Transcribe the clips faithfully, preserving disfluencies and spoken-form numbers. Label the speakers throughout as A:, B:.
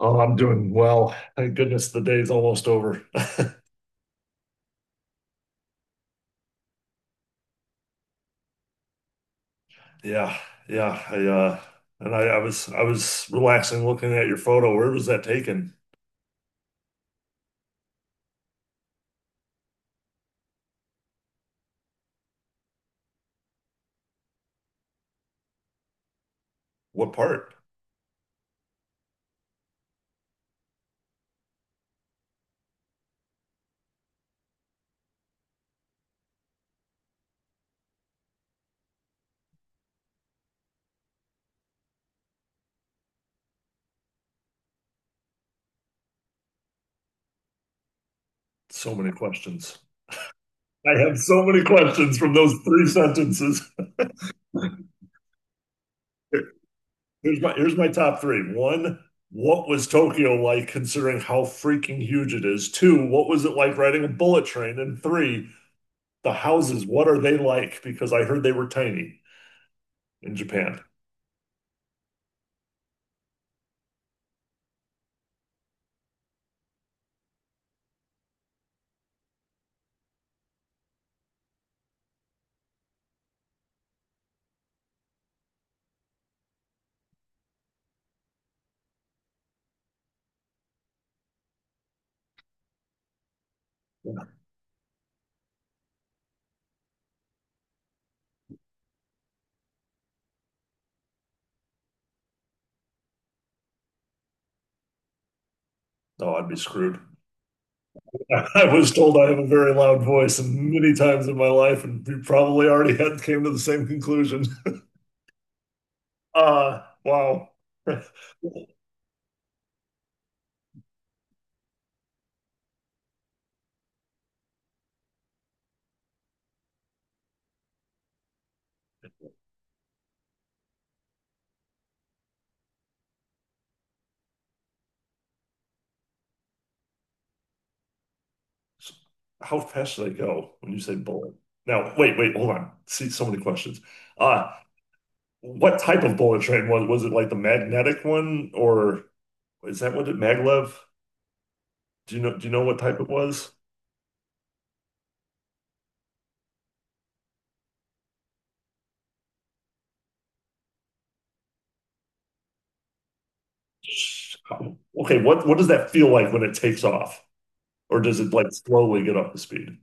A: Oh, I'm doing well. Thank goodness the day's almost over. Yeah, yeah. I uh and I, I was I was relaxing looking at your photo. Where was that taken? What part? So many questions. I have so many questions from those three sentences. Here- Here's my here's my top three. One, what was Tokyo like considering how freaking huge it is? Two, what was it like riding a bullet train? And three, the houses, what are they like? Because I heard they were tiny in Japan. Oh, I'd be screwed. I was told I have a very loud voice and many times in my life, and we probably already had came to the same conclusion. Uh, wow. How fast should I go when you say bullet? Now, wait, wait, hold on. See, so many questions. Uh, what type of bullet train was was it, like the magnetic one, or is that what it, maglev? Do you know do you know what type it was? Sh- Okay, what what does that feel like when it takes off? Or does it like slowly get up to speed?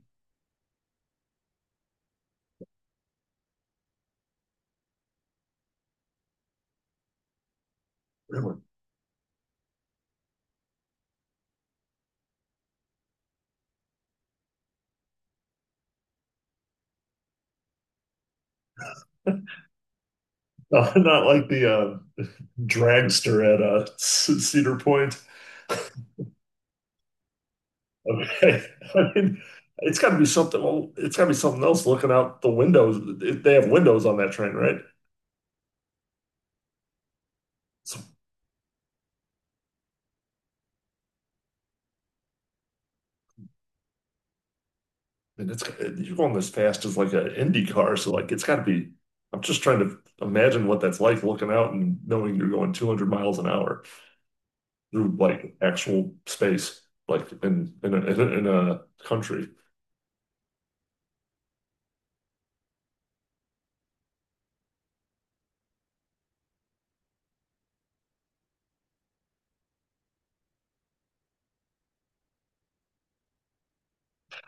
A: Really? Not like the uh, dragster at uh, Cedar Point. Okay, I mean, it's got to be something. Well, it's got to be something else. Looking out the windows, they have windows on that train, right? So, and it's you're going as fast as like an Indy car, so like it's got to be. I'm just trying to imagine what that's like, looking out and knowing you're going two hundred miles an hour through like actual space, like in in a, in a country.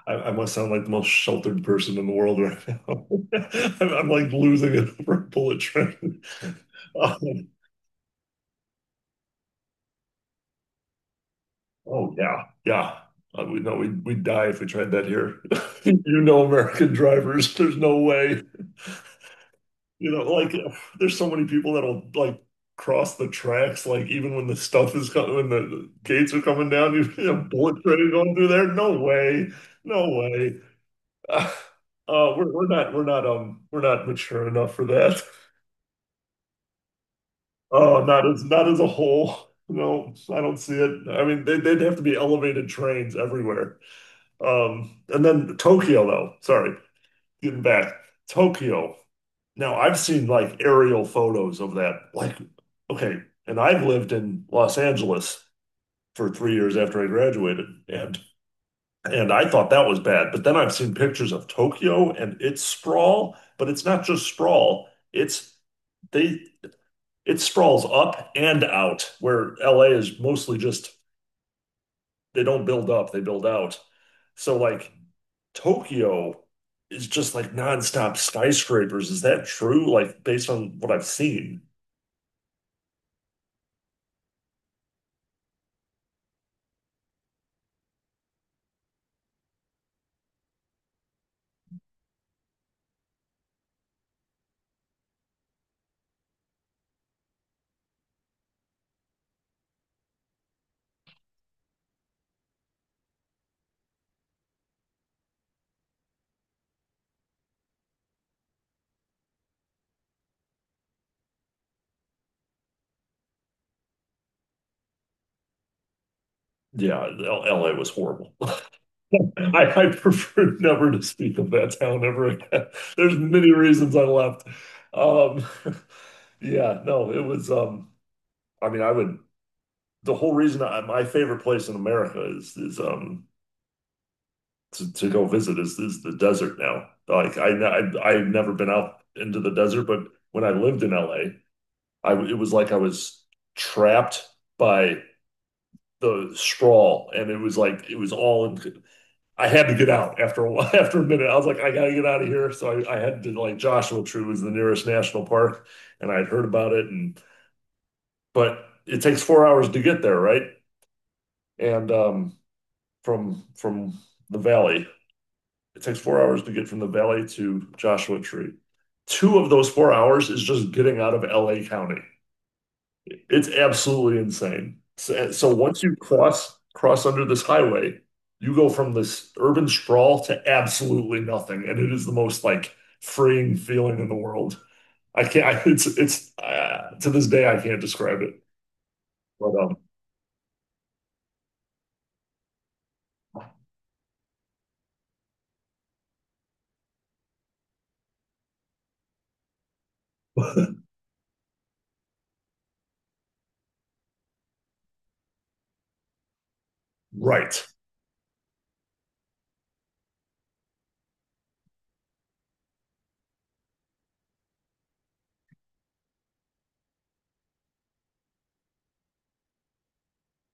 A: I, I must sound like the most sheltered person in the world right now. I'm, I'm like losing it over a bullet train. Um, oh yeah, yeah. Uh, we no, we we'd die if we tried that here. You know, American drivers, there's no way. You know, like there's so many people that'll like cross the tracks, like even when the stuff is coming, when the gates are coming down, you see a bullet train going through there. No way, no way. Uh, uh, we're we're not we're not um we're not mature enough for that. Oh, not as, not as a whole. No, I don't see it. I mean, they, they'd have to be elevated trains everywhere. Um, and then Tokyo, though. Sorry, getting back. Tokyo. Now, I've seen like aerial photos of that. Like, okay, and I've lived in Los Angeles for three years after I graduated, and and I thought that was bad. But then I've seen pictures of Tokyo and its sprawl, but it's not just sprawl. It's they it sprawls up and out, where L A is mostly just, they don't build up, they build out. So like Tokyo is just like nonstop skyscrapers. Is that true? Like based on what I've seen. Yeah, L- LA was horrible. I, I prefer never to speak of that town ever again. There's many reasons I left. Um, yeah, no, it was um I mean I would the whole reason I, my favorite place in America is is um to, to go visit is is the desert now. Like I, I I've never been out into the desert, but when I lived in L A, it was like I was trapped by the sprawl, and it was like it was all in. I had to get out after a while, after a minute. I was like, I gotta get out of here. So I, I had to, like, Joshua Tree was the nearest national park, and I'd heard about it, and but it takes four hours to get there, right? And um, from from the valley, it takes four hours to get from the valley to Joshua Tree. Two of those four hours is just getting out of L A County. It's absolutely insane. So, so once you cross cross under this highway, you go from this urban sprawl to absolutely nothing, and it is the most like freeing feeling in the world. I can't. I, it's it's uh, to this day I can't describe it. But um, right.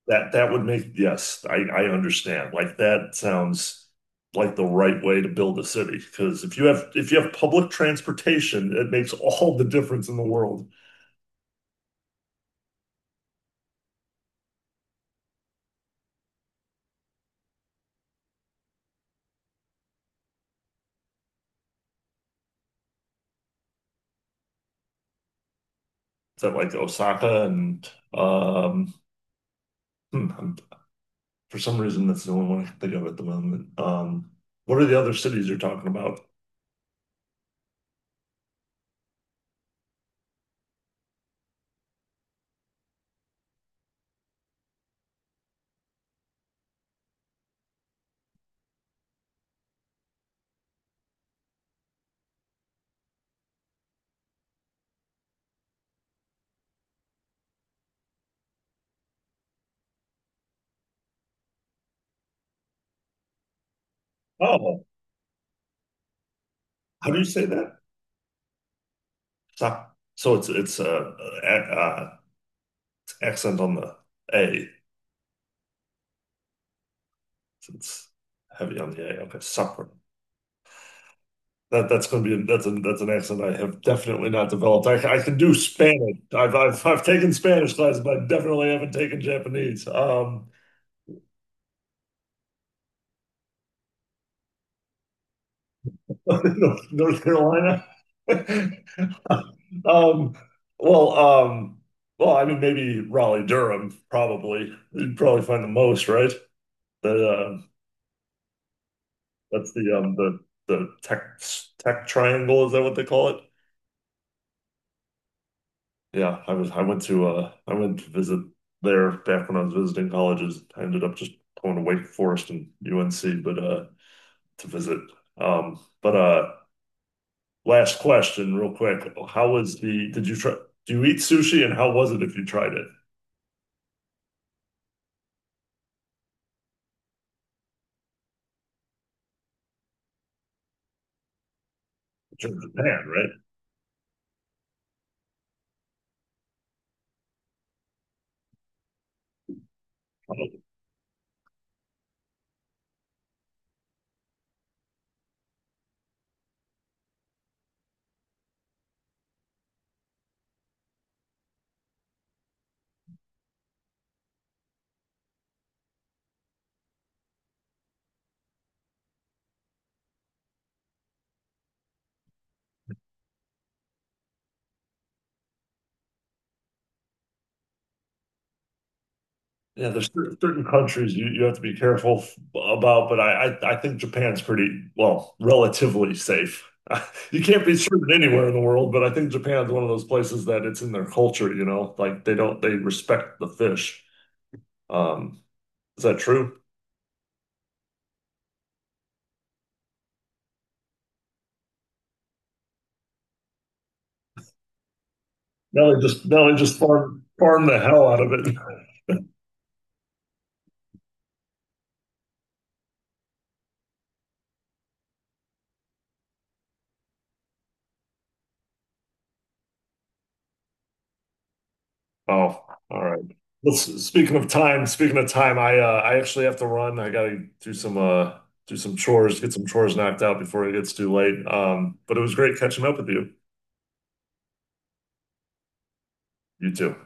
A: That that would make, yes, I I understand. Like, that sounds like the right way to build a city, because if you have if you have public transportation, it makes all the difference in the world. Is that like Osaka and um hmm, I'm- for some reason that's the only one I can think of at the moment. Um, what are the other cities you're talking about? Oh, how do you say that? So, so it's it's uh, uh, uh accent on the A. It's heavy on the A. Okay, Sakura. That that's going to be, that's an that's an accent I have definitely not developed. I, I can do Spanish. I've, I've I've taken Spanish classes, but I definitely haven't taken Japanese. Um, North, North Carolina. Um, well, um, well, I mean, maybe Raleigh, Durham, probably. You'd probably find the most, right? The uh, that's the um the the tech tech triangle. Is that what they call it? Yeah, I was I went to uh I went to visit there back when I was visiting colleges. I ended up just going to Wake Forest and U N C, but uh to visit. Um but uh Last question real quick. How was the, did you try, do you eat sushi, and how was it if you tried it? It's in Japan, right? Yeah, there's cer- certain countries you, you have to be careful f- about, but I, I I think Japan's pretty, well, relatively safe. You can't be certain anywhere in the world, but I think Japan's one of those places that, it's in their culture, you know, like they don't, they respect the fish. Um, is that true? Now they just now they just farm farm the hell out of it. Oh, all right. Well, s- speaking of time, speaking of time, I uh, I actually have to run. I gotta do some uh do some chores, get some chores knocked out before it gets too late. Um, but it was great catching up with you. You too.